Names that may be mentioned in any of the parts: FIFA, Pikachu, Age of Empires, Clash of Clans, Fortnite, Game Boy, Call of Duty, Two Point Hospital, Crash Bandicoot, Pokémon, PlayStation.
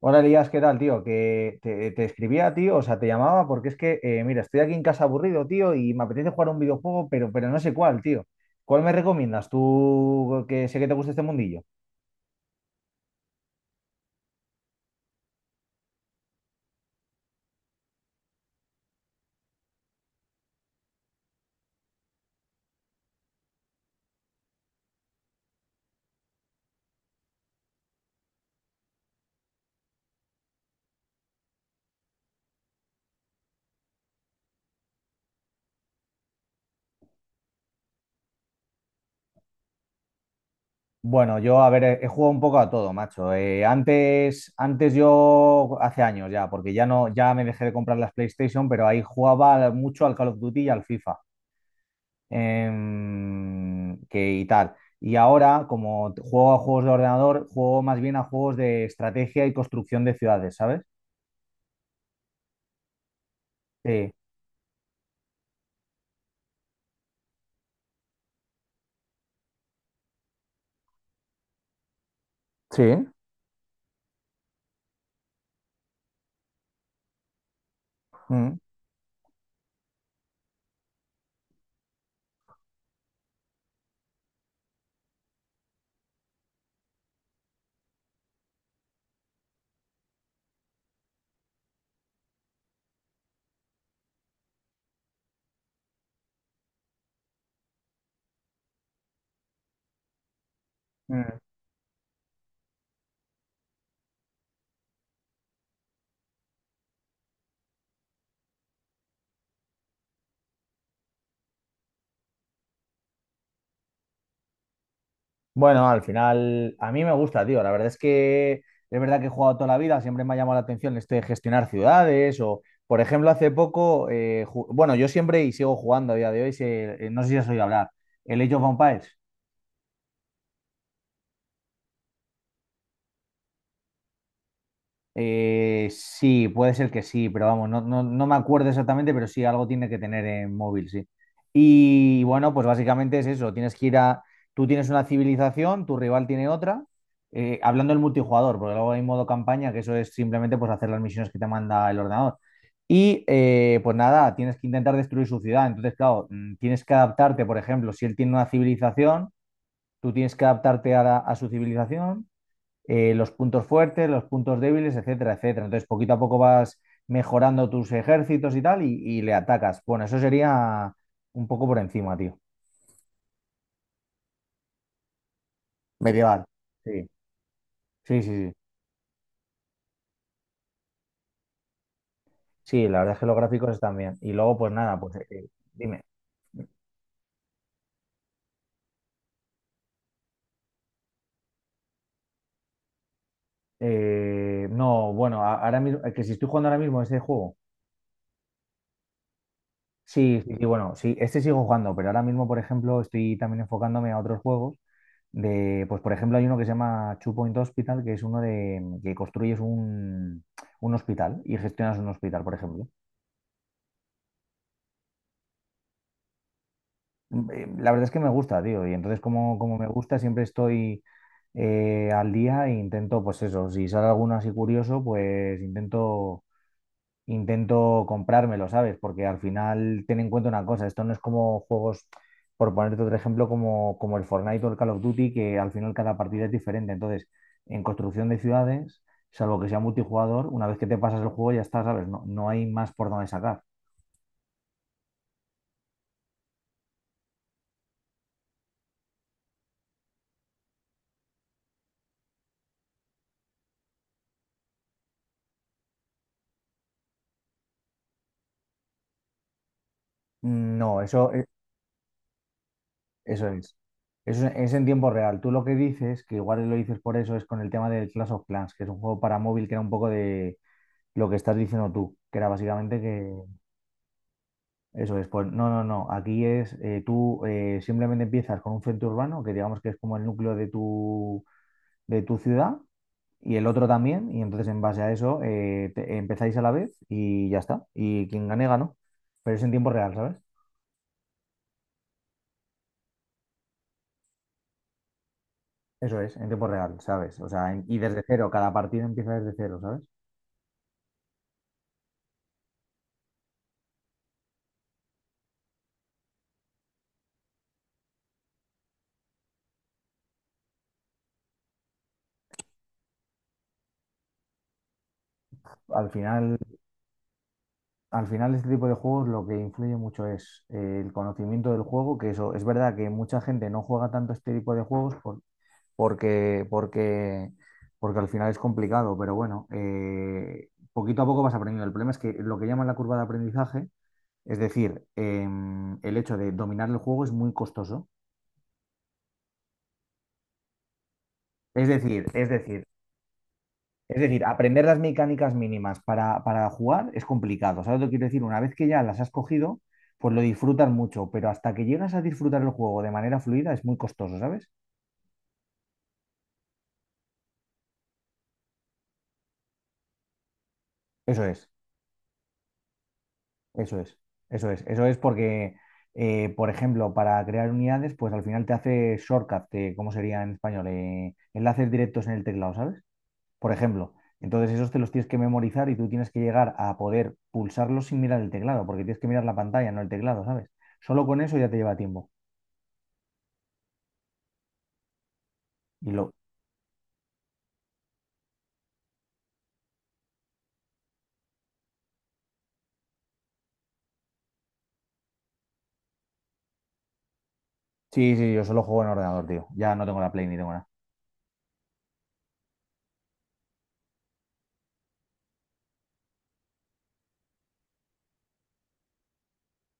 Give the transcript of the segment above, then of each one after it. Hola Elías, ¿qué tal, tío? Que te escribía, tío, o sea, te llamaba porque es que, mira, estoy aquí en casa aburrido, tío, y me apetece jugar a un videojuego, pero no sé cuál, tío. ¿Cuál me recomiendas tú, que sé que te gusta este mundillo? Bueno, yo, a ver, he jugado un poco a todo, macho. Antes, yo, hace años ya, porque ya no, ya me dejé de comprar las PlayStation, pero ahí jugaba mucho al Call of Duty y al FIFA. Que y tal. Y ahora, como juego a juegos de ordenador, juego más bien a juegos de estrategia y construcción de ciudades, ¿sabes? Sí. Sí. Mm, mm. Bueno, al final, a mí me gusta, tío. La verdad es que es verdad que he jugado toda la vida, siempre me ha llamado la atención esto de gestionar ciudades o, por ejemplo, hace poco, bueno, yo siempre y sigo jugando a día de hoy, no sé si has oído hablar, el Age of Empires. Sí, puede ser que sí, pero vamos, no, no, no me acuerdo exactamente, pero sí, algo tiene que tener en móvil, sí. Y bueno, pues básicamente es eso, tienes que ir a, tú tienes una civilización, tu rival tiene otra, hablando del multijugador, porque luego hay modo campaña, que eso es simplemente pues hacer las misiones que te manda el ordenador. Y pues nada, tienes que intentar destruir su ciudad, entonces claro, tienes que adaptarte, por ejemplo, si él tiene una civilización, tú tienes que adaptarte a su civilización, los puntos fuertes, los puntos débiles, etcétera, etcétera. Entonces, poquito a poco vas mejorando tus ejércitos y tal, y le atacas. Bueno, eso sería un poco por encima, tío. Medieval. Sí, sí, sí, sí. Sí, la verdad es que los gráficos están bien. Y luego, pues nada, pues dime. No, bueno, ahora mismo, que si estoy jugando ahora mismo ese juego. Sí, sí, sí, bueno, sí, este sigo jugando, pero ahora mismo, por ejemplo, estoy también enfocándome a otros juegos. De, pues por ejemplo, hay uno que se llama Two Point Hospital, que es uno de que construyes un, hospital y gestionas un hospital, por ejemplo. Mm. La verdad es que me gusta, tío, y entonces como me gusta, siempre estoy al día e intento, pues eso, si sale alguno así curioso, pues intento comprármelo, ¿sabes? Porque al final ten en cuenta una cosa, esto no es como juegos, por ponerte otro ejemplo, como, como el Fortnite o el Call of Duty, que al final cada partida es diferente. Entonces, en construcción de ciudades, salvo que sea multijugador, una vez que te pasas el juego ya está, ¿sabes? No, no hay más por dónde sacar. No, eso, eso es. Eso es en tiempo real. Tú lo que dices, que igual lo dices por eso, es con el tema del Clash of Clans, que es un juego para móvil que era un poco de lo que estás diciendo tú, que era básicamente que... Eso es, pues no, no, no. Aquí es, tú simplemente empiezas con un centro urbano, que digamos que es como el núcleo de tu ciudad, y el otro también, y entonces en base a eso empezáis a la vez y ya está. Y quien gane, ganó. Pero es en tiempo real, ¿sabes? Eso es, en tiempo real, ¿sabes? O sea, y desde cero, cada partido empieza desde cero, ¿sabes? Al final, al final, este tipo de juegos lo que influye mucho es el conocimiento del juego, que eso es verdad que mucha gente no juega tanto este tipo de juegos porque, porque, porque al final es complicado, pero bueno, poquito a poco vas aprendiendo. El problema es que lo que llaman la curva de aprendizaje, es decir, el hecho de dominar el juego es muy costoso. Es decir, es decir, es decir, aprender las mecánicas mínimas para jugar es complicado. ¿Sabes lo que quiero decir? Una vez que ya las has cogido, pues lo disfrutas mucho, pero hasta que llegas a disfrutar el juego de manera fluida es muy costoso, ¿sabes? Eso es. Eso es, eso es, eso es porque, por ejemplo, para crear unidades, pues al final te hace shortcut. ¿Cómo sería en español? Enlaces directos en el teclado, ¿sabes? Por ejemplo, entonces esos te los tienes que memorizar y tú tienes que llegar a poder pulsarlos sin mirar el teclado, porque tienes que mirar la pantalla, no el teclado, ¿sabes? Solo con eso ya te lleva tiempo. Y lo... Sí, sí, yo solo juego en ordenador, tío. Ya no tengo la Play ni tengo nada.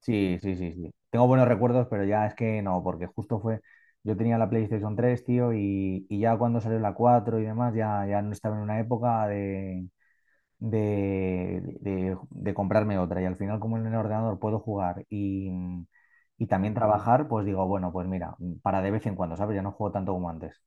Sí, sí, sí, sí. Tengo buenos recuerdos, pero ya es que no, porque justo fue, yo tenía la PlayStation 3, tío, y ya cuando salió la 4 y demás, ya no estaba en una época de, de comprarme otra. Y al final, como en el ordenador puedo jugar y también trabajar, pues digo, bueno, pues mira, para de vez en cuando, ¿sabes? Ya no juego tanto como antes.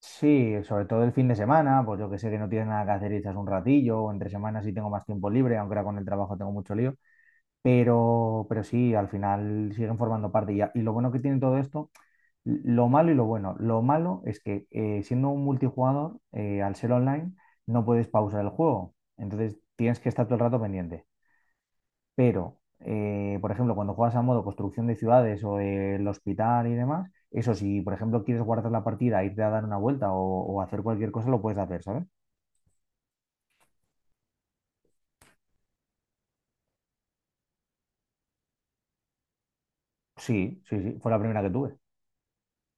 Sí, sobre todo el fin de semana, pues yo que sé que no tienes nada que hacer y echas un ratillo, o entre semanas sí tengo más tiempo libre, aunque ahora con el trabajo tengo mucho lío. Pero, sí, al final siguen formando parte. Y lo bueno que tiene todo esto, lo malo y lo bueno. Lo malo es que siendo un multijugador, al ser online, no puedes pausar el juego. Entonces tienes que estar todo el rato pendiente. Pero, por ejemplo, cuando juegas a modo construcción de ciudades o el hospital y demás, eso si, por ejemplo, quieres guardar la partida, irte a dar una vuelta o hacer cualquier cosa, lo puedes hacer, ¿sabes? Sí, sí, sí, fue la primera que tuve.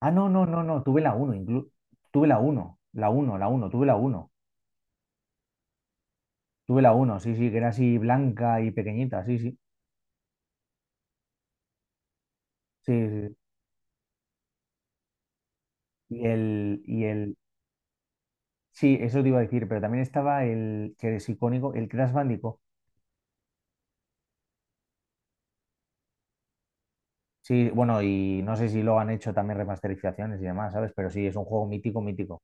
Ah, no, no, no, no, tuve la uno, tuve la uno, la uno, la uno. Tuve la uno. Tuve la uno, sí, sí, que era así blanca y pequeñita, sí, sí. Sí, sí, sí. Y el, y el, sí, eso te iba a decir, pero también estaba el que es icónico, el Crash Bandicoot. Sí, bueno, y no sé si lo han hecho también remasterizaciones y demás, ¿sabes? Pero sí, es un juego mítico, mítico.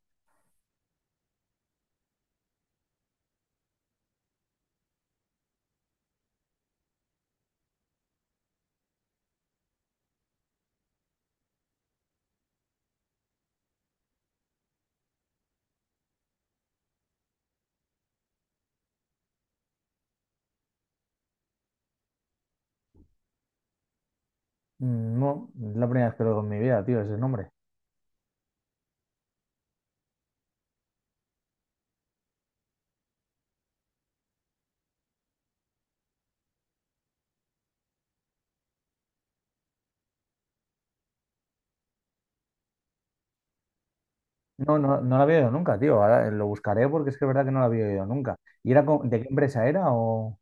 Mm. No, es la primera vez que lo oigo en mi vida, tío, ese nombre. No, no, no lo había oído nunca, tío. Ahora lo buscaré porque es que es verdad que no lo había oído nunca. ¿Y era de qué empresa era o...?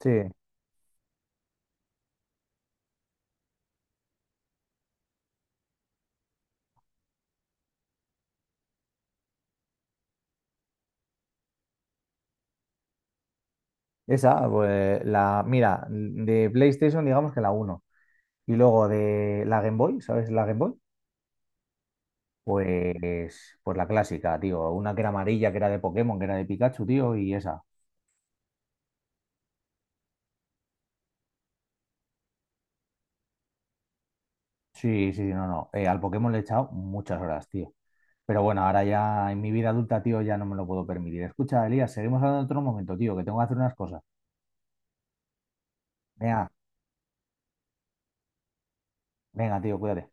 Sí, esa, pues mira, de PlayStation digamos que la uno. Y luego de la Game Boy, ¿sabes la Game Boy? Pues, la clásica, tío. Una que era amarilla, que era de Pokémon, que era de Pikachu, tío, y esa. Sí, sí, sí, no, no. Al Pokémon le he echado muchas horas, tío. Pero bueno, ahora ya en mi vida adulta, tío, ya no me lo puedo permitir. Escucha, Elías, seguimos hablando en otro momento, tío, que tengo que hacer unas cosas. Venga, venga, tío, cuídate.